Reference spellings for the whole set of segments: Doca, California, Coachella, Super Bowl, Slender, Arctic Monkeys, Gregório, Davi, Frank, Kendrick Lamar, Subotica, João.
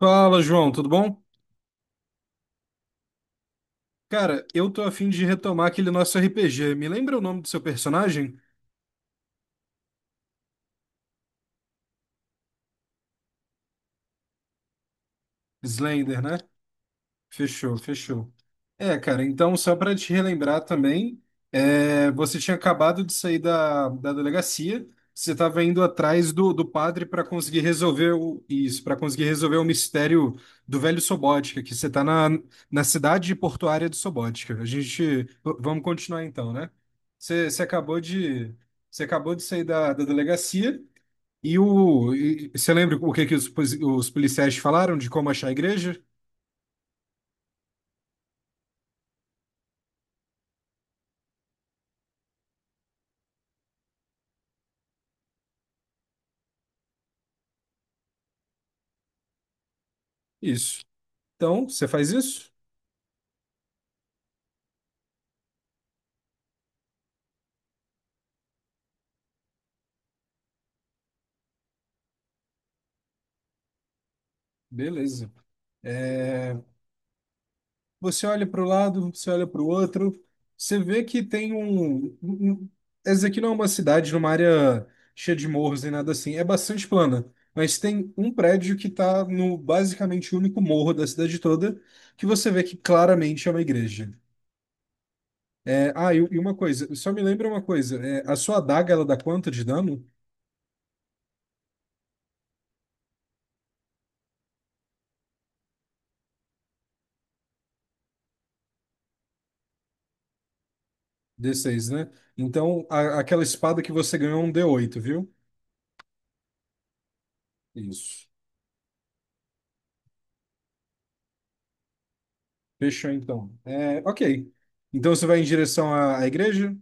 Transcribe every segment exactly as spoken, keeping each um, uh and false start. Fala, João, tudo bom? Cara, eu tô a fim de retomar aquele nosso R P G. Me lembra o nome do seu personagem? Slender, né? Fechou, fechou. É, cara, então só para te relembrar também, é, você tinha acabado de sair da, da delegacia, você estava indo atrás do, do padre para conseguir resolver o, isso, para conseguir resolver o mistério do velho Sobótica, que você está na, na cidade portuária de Sobótica. A gente, v- vamos continuar então, né? Você, você acabou de, você acabou de sair da, da delegacia e o, e- você lembra o que que os, pos- os policiais te falaram de como achar a igreja? Isso. Então, você faz isso? Beleza. É, você olha para o lado, você olha para o outro, você vê que tem um, um- essa aqui não é uma cidade numa área cheia de morros nem nada assim, é bastante plana, mas tem um prédio que está no basicamente o único morro da cidade toda, que você vê que claramente é uma igreja. É, ah, e, e uma coisa, só me lembra uma coisa, é, a sua adaga ela dá quanto de dano? D seis, né? Então, a- aquela espada que você ganhou é um d oito, viu? Isso. Fechou então. É, ok. Então você vai em direção à, à igreja?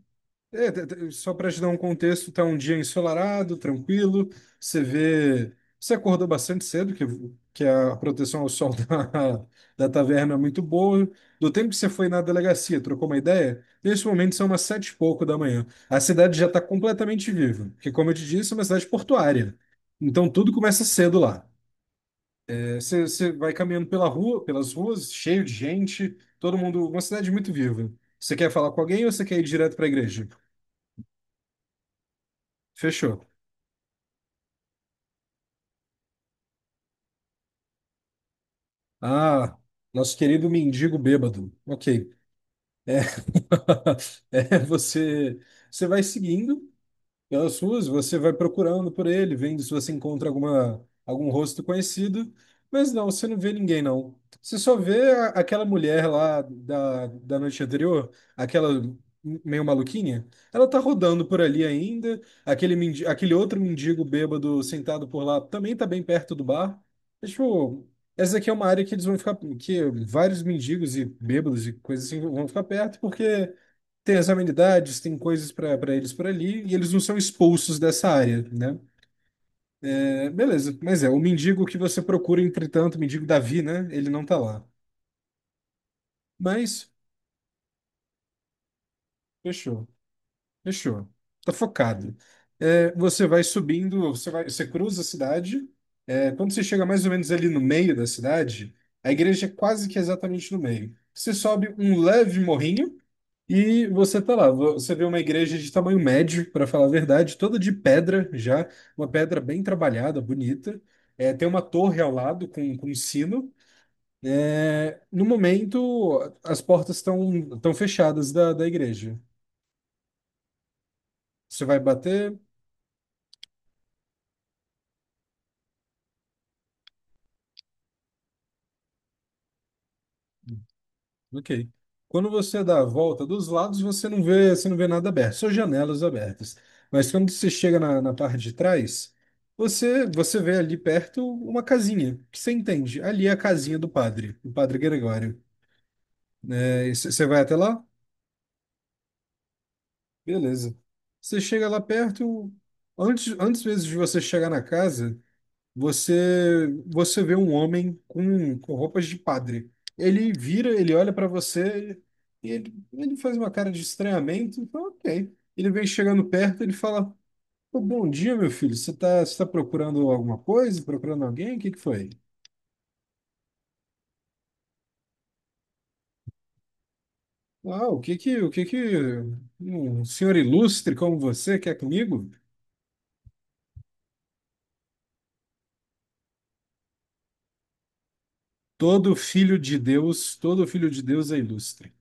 É, t- t- só para te dar um contexto, tá um dia ensolarado, tranquilo. Você vê. Você acordou bastante cedo, que, que a proteção ao sol da, da taverna é muito boa. Do tempo que você foi na delegacia, trocou uma ideia? Nesse momento são umas sete e pouco da manhã. A cidade já está completamente viva, porque, como eu te disse, é uma cidade portuária. Então tudo começa cedo lá. É, Você, você vai caminhando pela rua, pelas ruas, cheio de gente, todo mundo, uma cidade muito viva. Você quer falar com alguém ou você quer ir direto para a igreja? Fechou. Ah, nosso querido mendigo bêbado. Ok. É, você, você vai seguindo pelas suas, você vai procurando por ele, vendo se você encontra alguma, algum rosto conhecido, mas não, você não vê ninguém, não. Você só vê a- aquela mulher lá da, da noite anterior, aquela meio maluquinha, ela tá rodando por ali ainda, aquele, mendi- aquele outro mendigo bêbado sentado por lá também tá bem perto do bar. É, tipo, essa aqui é uma área que eles vão ficar, que vários mendigos e bêbados e coisas assim vão ficar perto, porque tem as amenidades, tem coisas para eles por ali, e eles não são expulsos dessa área, né? É, beleza, mas é, o mendigo que você procura, entretanto, o mendigo Davi, né? Ele não tá lá. Mas, fechou, fechou. Tá focado. É, você vai subindo, você vai, você cruza a cidade. É, quando você chega mais ou menos ali no meio da cidade, a igreja é quase que exatamente no meio. Você sobe um leve morrinho, e você tá lá, você vê uma igreja de tamanho médio, para falar a verdade, toda de pedra já, uma pedra bem trabalhada, bonita. É, tem uma torre ao lado com, com um sino. É, no momento, as portas estão estão fechadas da, da igreja. Você vai bater. Ok. Quando você dá a volta dos lados, você não vê, você não vê nada aberto, só janelas abertas. Mas quando você chega na, na parte de trás, você, você vê ali perto uma casinha, que você entende. Ali é a casinha do padre, do padre Gregório. É, e c- você vai até lá? Beleza. Você chega lá perto, antes, antes mesmo de você chegar na casa, Você você vê um homem com, com roupas de padre. Ele vira, ele olha para você e ele, ele faz uma cara de estranhamento. Então, ok. Ele vem chegando perto, ele fala: "Pô, bom dia, meu filho. Você está você tá procurando alguma coisa? Procurando alguém? O que que foi? Ah, o que que o que que um senhor ilustre como você quer comigo? Todo filho de Deus, todo filho de Deus é ilustre.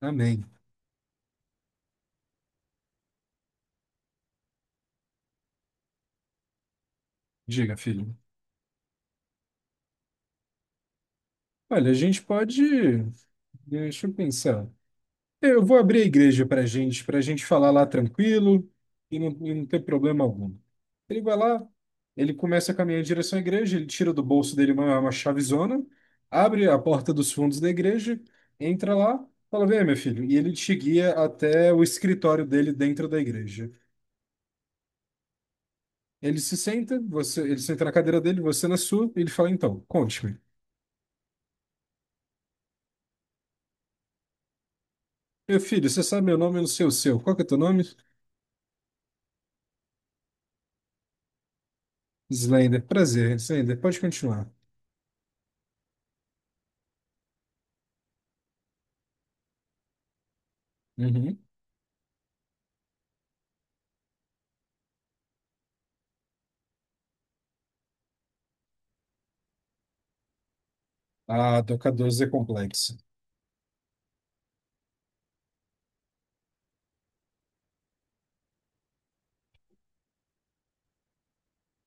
Amém. Diga, filho. Olha, a gente pode, deixa eu pensar. Eu vou abrir a igreja para gente, para a gente falar lá tranquilo e não, e não ter problema algum." Ele vai lá, ele começa a caminhar em direção à igreja, ele tira do bolso dele uma, uma chavezona, abre a porta dos fundos da igreja, entra lá, fala: "Vem, meu filho." E ele te guia até o escritório dele dentro da igreja. Ele se senta, você, ele senta na cadeira dele, você na sua, e ele fala: "Então, conte-me. Meu filho, você sabe meu nome, eu não sei o seu. Qual que é teu nome? Slender. Prazer, Slender. Pode continuar." Ah, Doca doze é complexa.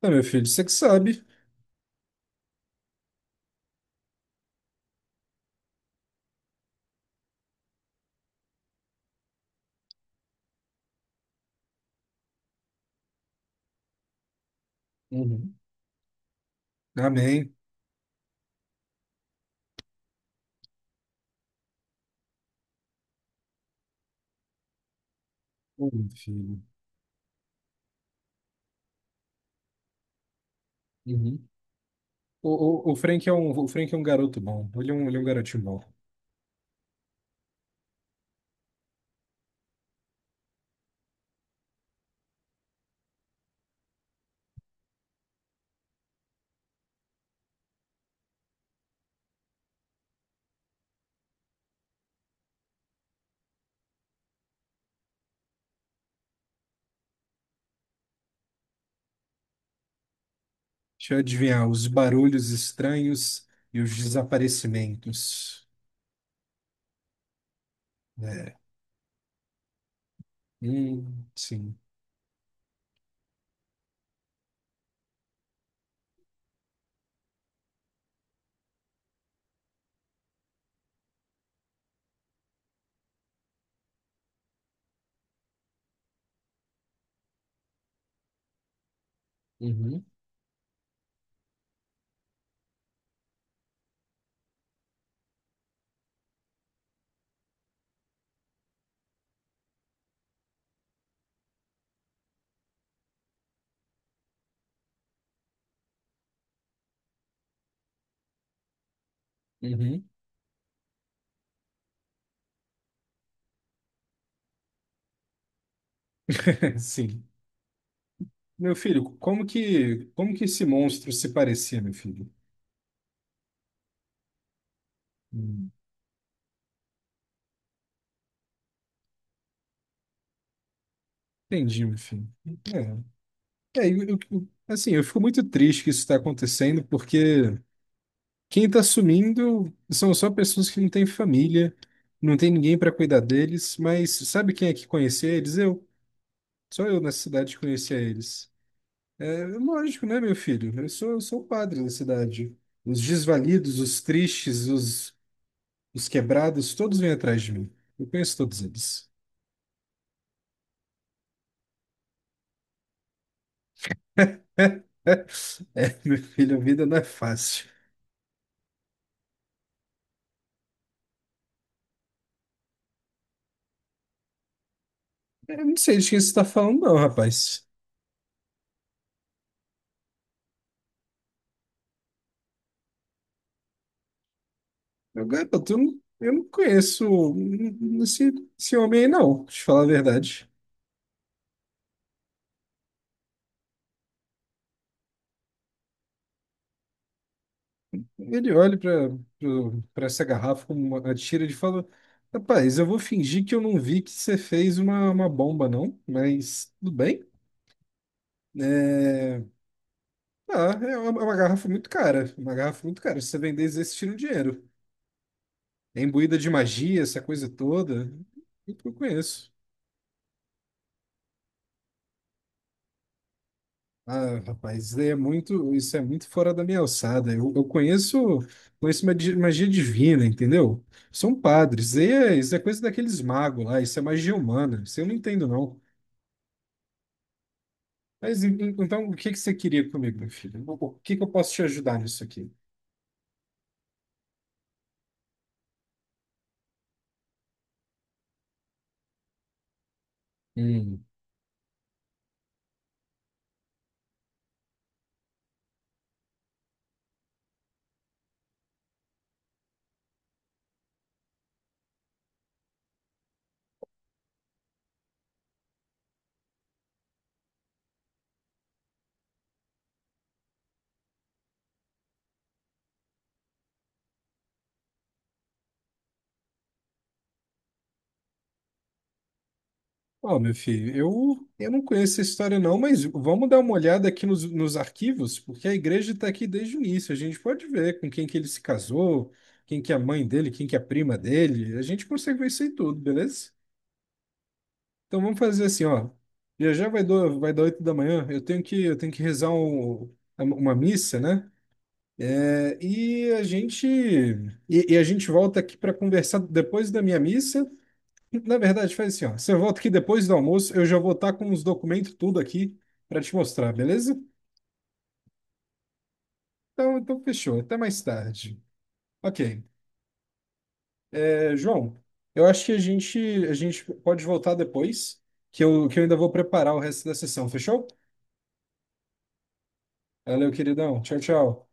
Ah, meu filho, você que sabe. Uhum. Amém. Ô, meu filho. Uhum. O, o, o Frank é um, o Frank é um garoto bom. Ele é um, ele é um garotinho bom. Deixa eu adivinhar, os barulhos estranhos e os desaparecimentos. É. Hum, sim. Uhum. Uhum. Sim. Meu filho, como que, como que esse monstro se parecia, meu filho? Uhum. Entendi, meu filho. É. É, eu- eu- assim, eu fico muito triste que isso está acontecendo, porque quem tá sumindo são só pessoas que não têm família, não tem ninguém para cuidar deles, mas sabe quem é que conhecia eles? Eu. Só eu na cidade conhecia eles. É lógico, né, meu filho? Eu sou, eu sou o padre da cidade. Os desvalidos, os tristes, os, os quebrados, todos vêm atrás de mim. Eu conheço todos eles. É, meu filho, a vida não é fácil. Eu não sei de quem você está falando, não, rapaz. Meu garoto, eu não, eu não conheço hum, esse, esse homem aí, não, pra te falar a verdade. Ele olha pra pro- pra essa garrafa com uma tira e fala: "Rapaz, eu vou fingir que eu não vi que você fez uma, uma bomba, não, mas tudo bem. É, ah, é uma, é uma garrafa muito cara. Uma garrafa muito cara. Se você vender, eles tiram dinheiro. É imbuída de magia, essa coisa toda. Muito que eu conheço." Ah, rapaz, é muito, isso é muito fora da minha alçada. Eu, eu conheço, conheço magia, magia divina, entendeu? São padres. E é- isso é coisa daqueles magos lá, isso é magia humana. Isso eu não entendo, não. Mas en- en- então, o que que você queria comigo, meu filho? O o que que eu posso te ajudar nisso aqui? Ó, meu filho, eu, eu não conheço essa história não, mas vamos dar uma olhada aqui nos, nos arquivos, porque a igreja está aqui desde o início. A gente pode ver com quem que ele se casou, quem que é a mãe dele, quem que é a prima dele. A gente consegue ver isso aí tudo, beleza? Então vamos fazer assim, ó. Já já vai dar, vai dar oito da manhã, eu tenho que, eu tenho que rezar um- uma missa, né? É, e a gente, e, e a gente volta aqui para conversar depois da minha missa. Na verdade, faz assim, ó. Você volta aqui depois do almoço, eu já vou estar com os documentos tudo aqui para te mostrar, beleza? Então, então fechou. Até mais tarde. Ok. É, João, eu acho que a gente a gente pode voltar depois, que eu, que eu ainda vou preparar o resto da sessão, fechou? Valeu, queridão. Tchau, tchau.